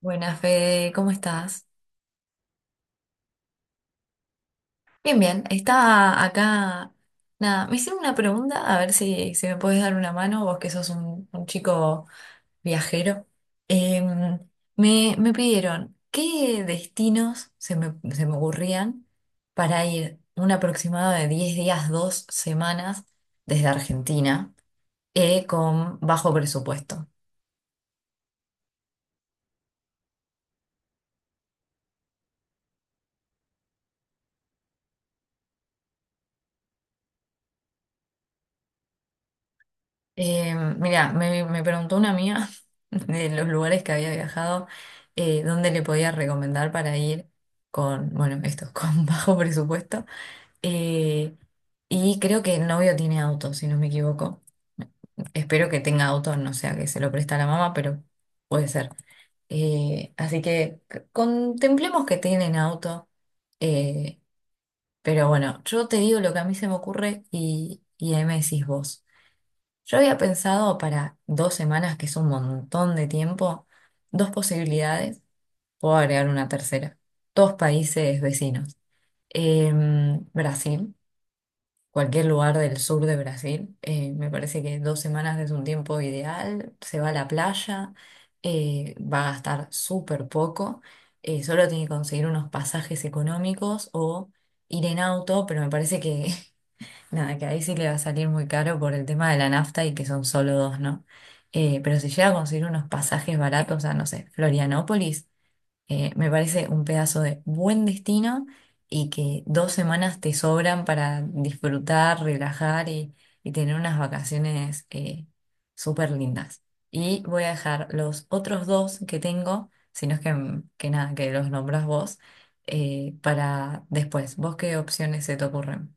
Buenas, Fede, ¿cómo estás? Bien, bien, estaba acá, nada, me hicieron una pregunta, a ver si me puedes dar una mano, vos que sos un chico viajero. Em, me pidieron qué destinos se me ocurrían para ir un aproximado de 10 días, 2 semanas desde Argentina, con bajo presupuesto. Mira, me preguntó una amiga de los lugares que había viajado, dónde le podía recomendar para ir bueno, esto, con bajo presupuesto. Eh, y creo que el novio tiene auto, si no me equivoco. Espero que tenga auto, no sea que se lo presta la mamá, pero puede ser. Así que contemplemos que tienen auto. eh, pero bueno, yo te digo lo que a mí se me ocurre y ahí me decís vos. Yo había pensado para 2 semanas, que es un montón de tiempo, dos posibilidades, puedo agregar una tercera, dos países vecinos. Brasil, cualquier lugar del sur de Brasil, me parece que 2 semanas es un tiempo ideal, se va a la playa, va a gastar súper poco, solo tiene que conseguir unos pasajes económicos o ir en auto, pero me parece que nada, que ahí sí le va a salir muy caro por el tema de la nafta y que son solo dos, ¿no? Pero si llega a conseguir unos pasajes baratos a, no sé, Florianópolis, me parece un pedazo de buen destino y que 2 semanas te sobran para disfrutar, relajar y tener unas vacaciones súper lindas. Y voy a dejar los otros dos que tengo, si no es que nada, que los nombras vos, para después. ¿Vos qué opciones se te ocurren?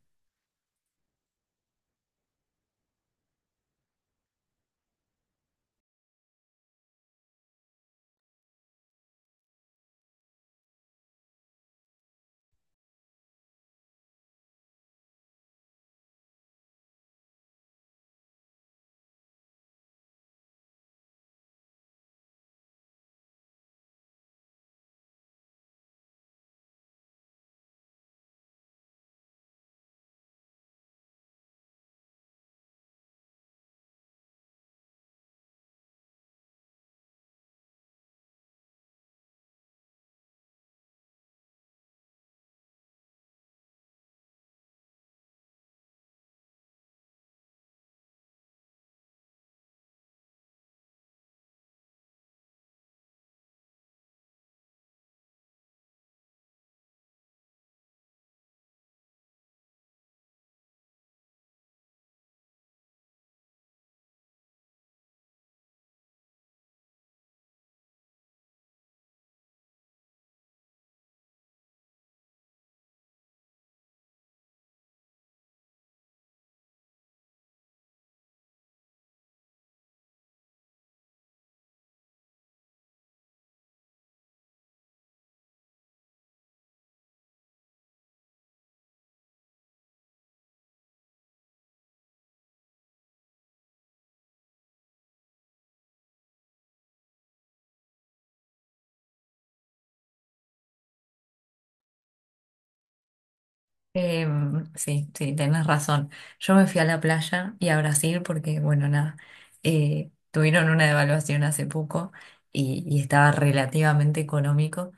Sí, sí, tenés razón. Yo me fui a la playa y a Brasil porque, bueno, nada, tuvieron una devaluación hace poco y estaba relativamente económico.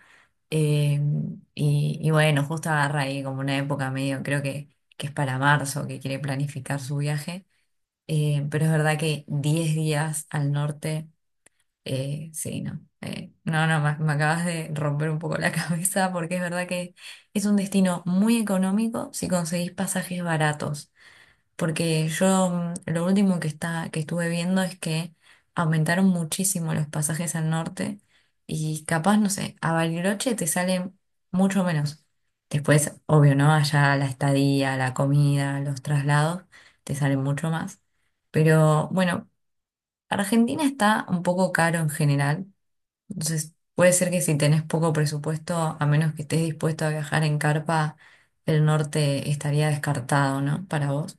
Y bueno, justo agarra ahí como una época medio, creo que es para marzo, que quiere planificar su viaje. Pero es verdad que 10 días al norte. Sí, no. No, no, me acabas de romper un poco la cabeza porque es verdad que es un destino muy económico si conseguís pasajes baratos. Porque yo lo último que estuve viendo es que aumentaron muchísimo los pasajes al norte y capaz, no sé, a Bariloche te sale mucho menos. Después, obvio, ¿no? Allá la estadía, la comida, los traslados te salen mucho más. Pero bueno, Argentina está un poco caro en general, entonces, puede ser que si tenés poco presupuesto, a menos que estés dispuesto a viajar en carpa, el norte estaría descartado, ¿no? Para vos.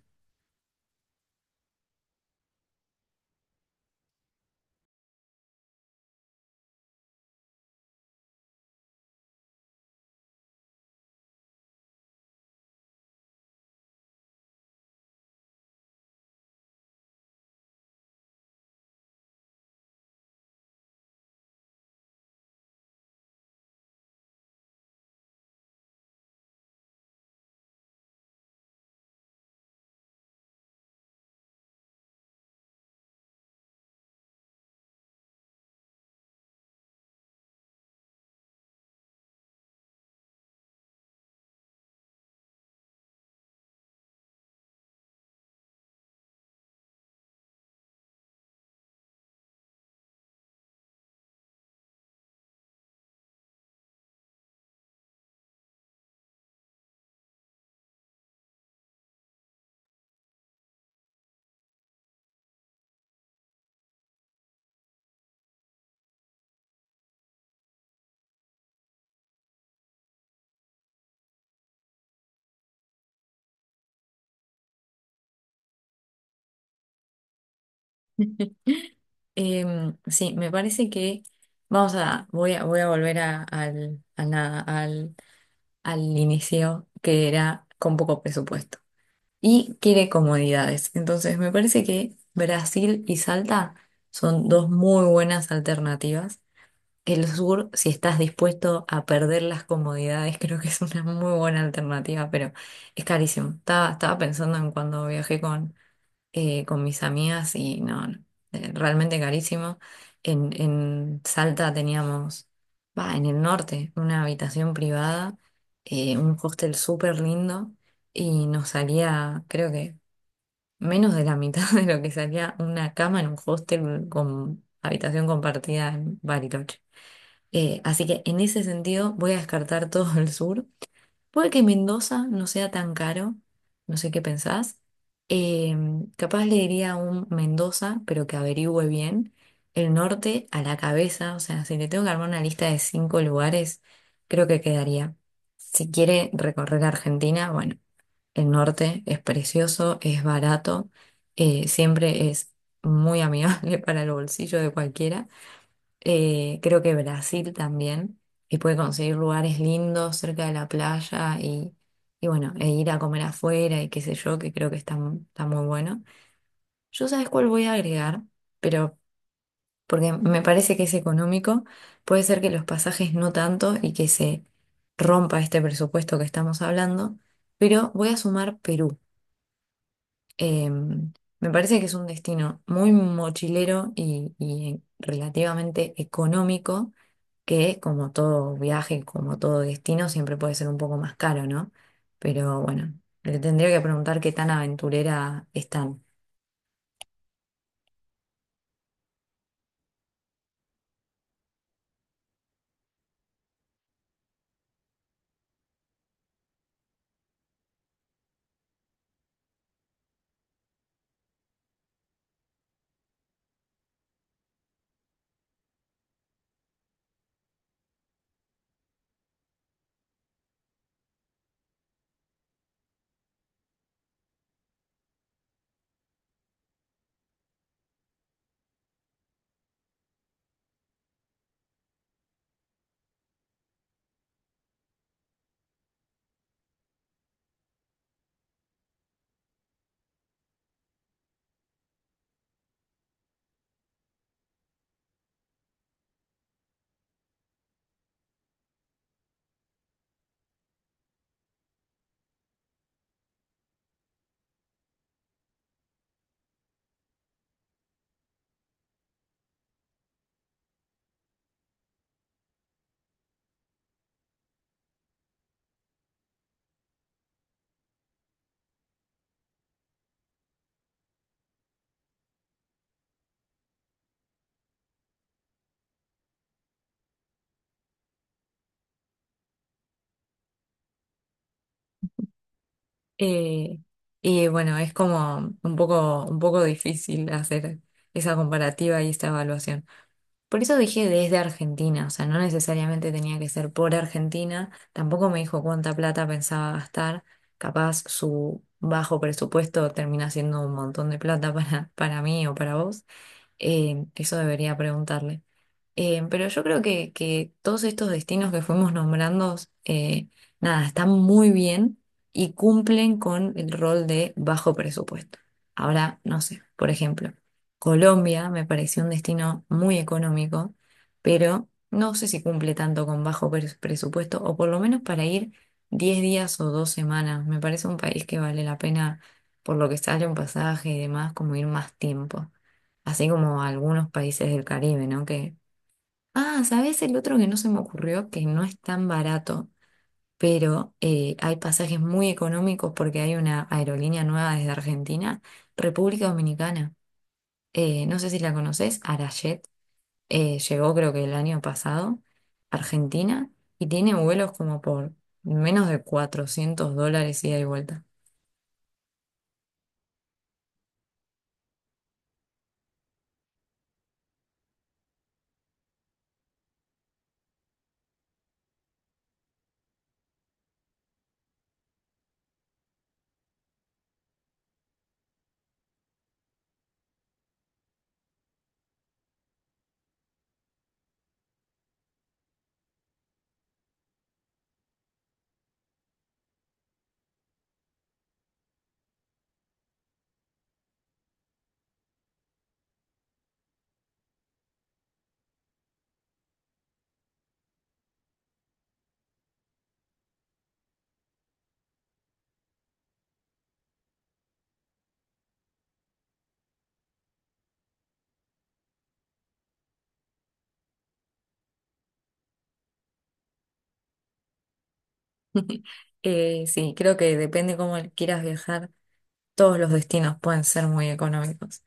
Sí, me parece que vamos a, voy a, voy a volver a- al, a nada, al, al inicio, que era con poco presupuesto. Y quiere comodidades. Entonces, me parece que Brasil y Salta son dos muy buenas alternativas. El sur, si estás dispuesto a perder las comodidades, creo que es una muy buena alternativa, pero es carísimo. Estaba pensando en cuando viajé con mis amigas y no, no, realmente carísimo. En Salta teníamos, va, en el norte, una habitación privada, un hostel súper lindo y nos salía, creo que menos de la mitad de lo que salía una cama en un hostel con habitación compartida en Bariloche. Así que en ese sentido voy a descartar todo el sur. Puede que Mendoza no sea tan caro, no sé qué pensás. Eh, Capaz le diría a un Mendoza, pero que averigüe bien. El norte a la cabeza, o sea, si le tengo que armar una lista de cinco lugares, creo que quedaría. Si quiere recorrer Argentina, bueno, el norte es precioso, es barato, siempre es muy amigable para el bolsillo de cualquiera. Creo que Brasil también, y puede conseguir lugares lindos cerca de la playa y bueno, e ir a comer afuera y qué sé yo, que creo que está muy bueno. Yo sabes cuál voy a agregar, pero porque me parece que es económico, puede ser que los pasajes no tanto y que se rompa este presupuesto que estamos hablando, pero voy a sumar Perú. Em, Me parece que es un destino muy mochilero y relativamente económico, que como todo viaje, como todo destino, siempre puede ser un poco más caro, ¿no? Pero bueno, le tendría que preguntar qué tan aventurera están. Eh, y bueno, es como un poco difícil hacer esa comparativa y esta evaluación. Por eso dije desde Argentina, o sea, no necesariamente tenía que ser por Argentina, tampoco me dijo cuánta plata pensaba gastar, capaz su bajo presupuesto termina siendo un montón de plata para mí o para vos, eso debería preguntarle. Pero yo creo que todos estos destinos que fuimos nombrando, eh, nada, están muy bien y cumplen con el rol de bajo presupuesto. Ahora, no sé, por ejemplo, Colombia me pareció un destino muy económico, pero no sé si cumple tanto con bajo presupuesto, o por lo menos para ir 10 días o 2 semanas. Me parece un país que vale la pena, por lo que sale un pasaje y demás, como ir más tiempo, así como algunos países del Caribe, ¿no? Que, ah, ¿sabés el otro que no se me ocurrió? Que no es tan barato, pero hay pasajes muy económicos porque hay una aerolínea nueva desde Argentina, República Dominicana. No sé si la conoces, Arajet, llegó creo que el año pasado, a Argentina, y tiene vuelos como por menos de $400 ida y vuelta. Sí, creo que depende cómo quieras viajar, todos los destinos pueden ser muy económicos.